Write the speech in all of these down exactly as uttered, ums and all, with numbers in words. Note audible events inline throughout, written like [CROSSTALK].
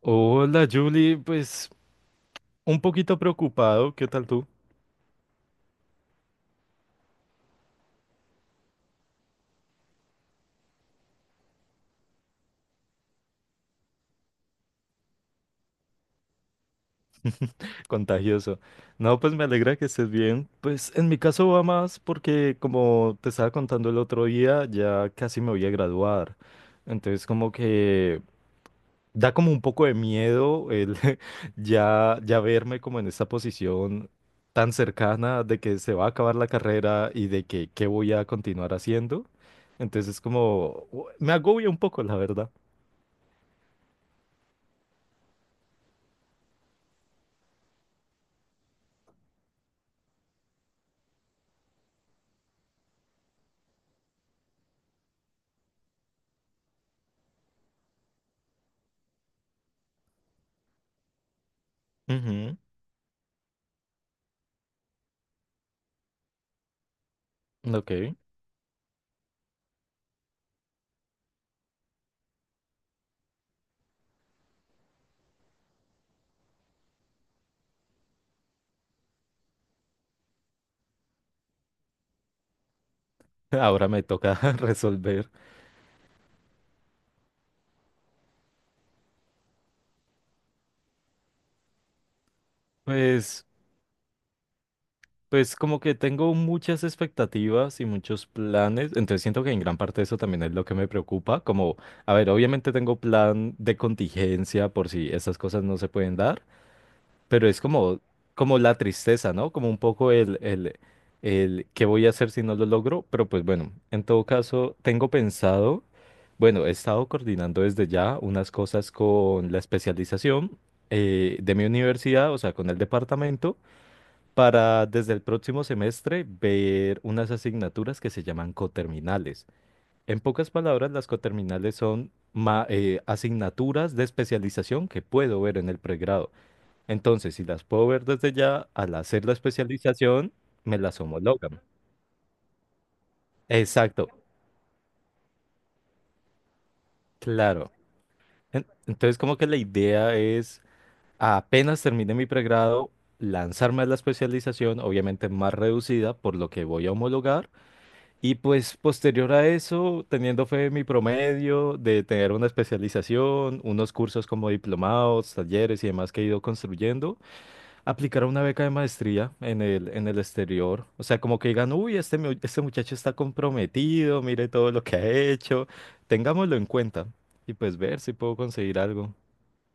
Hola Julie, pues un poquito preocupado, ¿qué tal tú? Contagioso. No, pues me alegra que estés bien. Pues en mi caso va más porque como te estaba contando el otro día, ya casi me voy a graduar. Entonces como que da como un poco de miedo el [LAUGHS] ya, ya verme como en esta posición tan cercana de que se va a acabar la carrera y de que qué voy a continuar haciendo. Entonces como u- me agobia un poco, la verdad. Ujú. Ok. [LAUGHS] Ahora me toca [LAUGHS] resolver. Pues, pues como que tengo muchas expectativas y muchos planes, entonces siento que en gran parte eso también es lo que me preocupa, como, a ver, obviamente tengo plan de contingencia por si esas cosas no se pueden dar. Pero es como, como la tristeza, ¿no? Como un poco el, el, el qué voy a hacer si no lo logro. Pero pues bueno, en todo caso, tengo pensado, bueno, he estado coordinando desde ya unas cosas con la especialización, eh, de mi universidad, o sea, con el departamento, para desde el próximo semestre ver unas asignaturas que se llaman coterminales. En pocas palabras, las coterminales son ma- eh, asignaturas de especialización que puedo ver en el pregrado. Entonces, si las puedo ver desde ya, al hacer la especialización, me las homologan. Exacto, claro. En- Entonces, como que la idea es, apenas termine mi pregrado, lanzarme a la especialización, obviamente más reducida, por lo que voy a homologar. Y pues posterior a eso, teniendo fe en mi promedio de tener una especialización, unos cursos como diplomados, talleres y demás que he ido construyendo, aplicar una beca de maestría en el, en el exterior. O sea, como que digan, uy, este, mu- este muchacho está comprometido, mire todo lo que ha hecho, tengámoslo en cuenta y pues ver si puedo conseguir algo.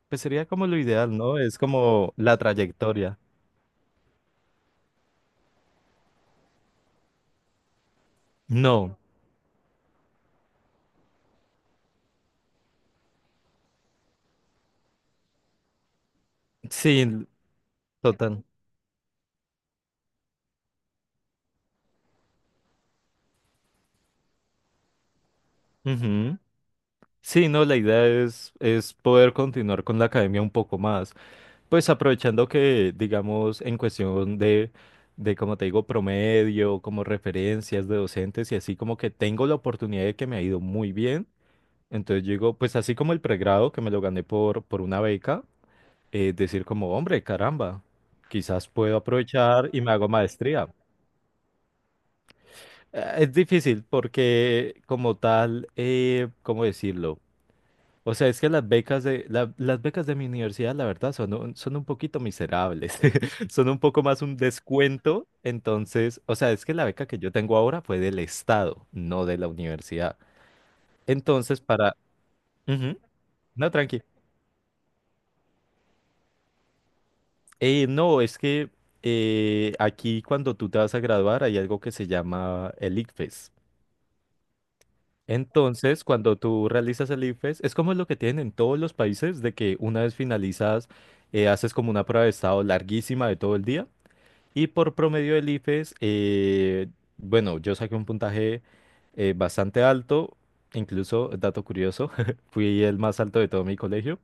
Pues sería como lo ideal, ¿no? Es como la trayectoria. No, sí, total. Ujú. Sí, no, la idea es, es poder continuar con la academia un poco más. Pues aprovechando que, digamos, en cuestión de, de, como te digo, promedio, como referencias de docentes y así como que tengo la oportunidad de que me ha ido muy bien. Entonces yo digo, pues así como el pregrado que me lo gané por, por una beca, eh, decir como, hombre, caramba, quizás puedo aprovechar y me hago maestría. Eh, Es difícil porque como tal, eh, ¿cómo decirlo? O sea, es que las becas de, la- las becas de mi universidad, la verdad, son un, son un poquito miserables. [LAUGHS] Son un poco más un descuento. Entonces, o sea, es que la beca que yo tengo ahora fue del Estado, no de la universidad. Entonces, para... Ujú. No, tranqui. Eh, no, es que eh, aquí cuando tú te vas a graduar hay algo que se llama el ICFES. Entonces, cuando tú realizas el ICFES, es como lo que tienen en todos los países, de que una vez finalizas, eh, haces como una prueba de estado larguísima de todo el día. Y por promedio del IFES, eh, bueno, yo saqué un puntaje eh, bastante alto, incluso, dato curioso, [LAUGHS] fui el más alto de todo mi colegio,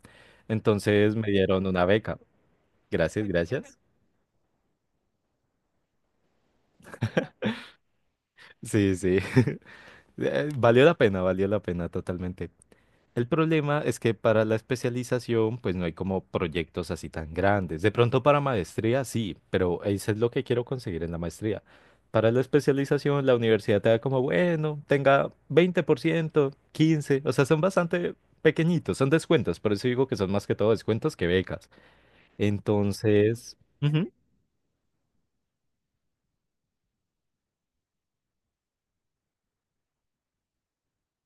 entonces me dieron una beca. Gracias, gracias. Sí, sí. [LAUGHS] Eh, Valió la pena, valió la pena totalmente. El problema es que para la especialización, pues no hay como proyectos así tan grandes. De pronto para maestría, sí, pero eso es lo que quiero conseguir en la maestría. Para la especialización, la universidad te da como, bueno, tenga veinte por ciento, quince por ciento, o sea, son bastante pequeñitos, son descuentos, por eso digo que son más que todo descuentos que becas. Entonces, ujú,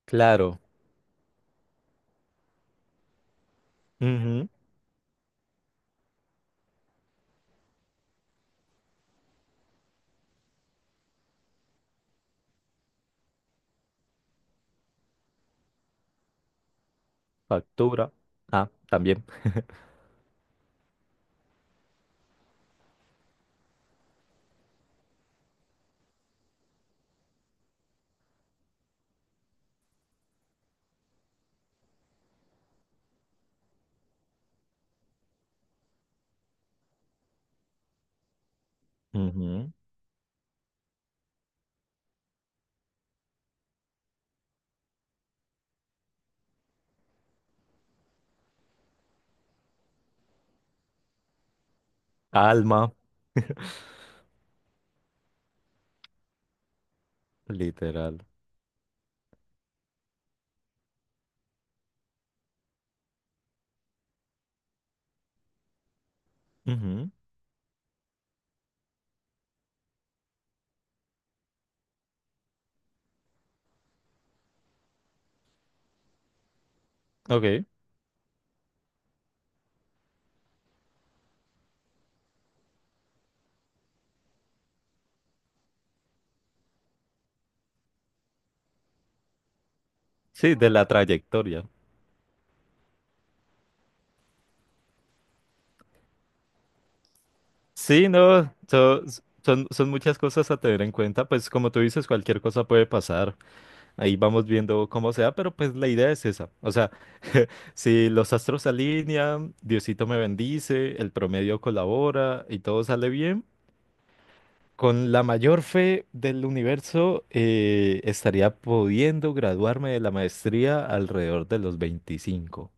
claro, ujú, factura, ah, también, ujú, alma, literal. Ujú, Ok, sí, de la trayectoria. Sí, no, so- son, son muchas cosas a tener en cuenta, pues como tú dices, cualquier cosa puede pasar, ahí vamos viendo cómo sea, pero pues la idea es esa, o sea, [LAUGHS] si los astros se alinean, Diosito me bendice, el promedio colabora y todo sale bien, con la mayor fe del universo, eh, estaría pudiendo graduarme de la maestría alrededor de los veinticinco.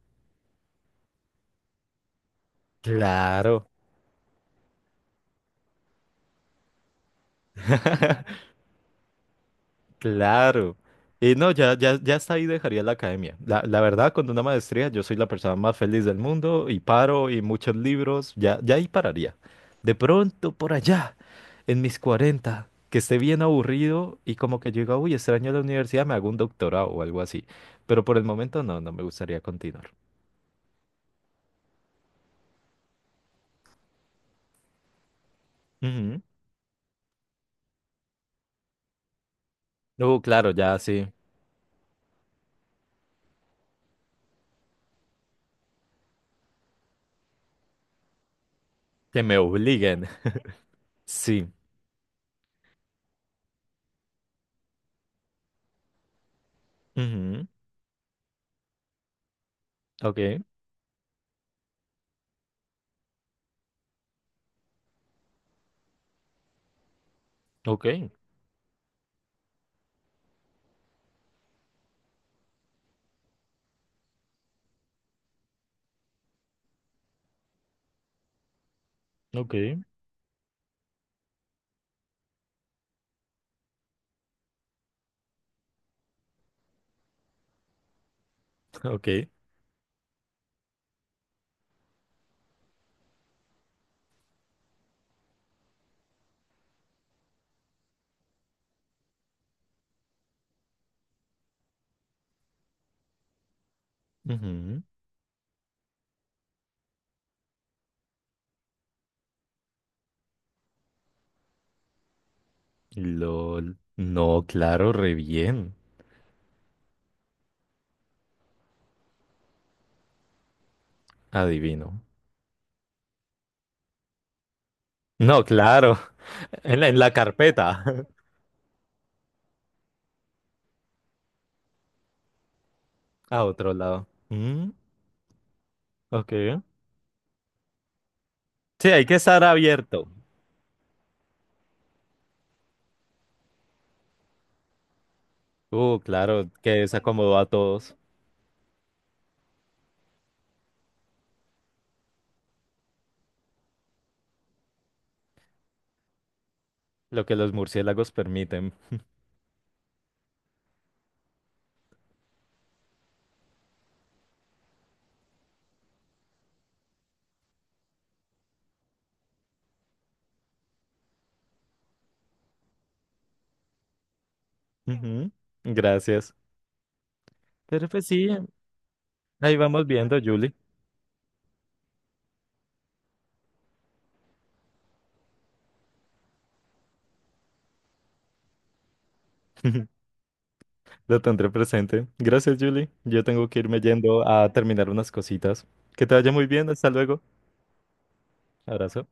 Claro, claro. Y no, ya, ya, ya hasta ahí dejaría la academia. La, la verdad, con una maestría, yo soy la persona más feliz del mundo y paro y muchos libros, ya, ya ahí pararía. De pronto, por allá, en mis cuarenta que esté bien aburrido y como que yo diga, uy, extraño la universidad, me hago un doctorado o algo así. Pero por el momento no, no me gustaría continuar. Ujú. Uh, claro, ya sí. Que me obliguen. [LAUGHS] Sí. Ujú. Ok, ok, ok, ok. Ujú. LOL. No, claro, re bien. Adivino. No, claro. [LAUGHS] En la, en la carpeta. [LAUGHS] A otro lado. Mm, ok. Sí, hay que estar abierto. Uh, claro, que desacomodó a todos. Lo que los murciélagos permiten. Ujú, gracias. Pero pues sí, ahí vamos viendo, Julie. [LAUGHS] Lo tendré presente. Gracias, Julie. Yo tengo que irme yendo a terminar unas cositas. Que te vaya muy bien. Hasta luego. Abrazo.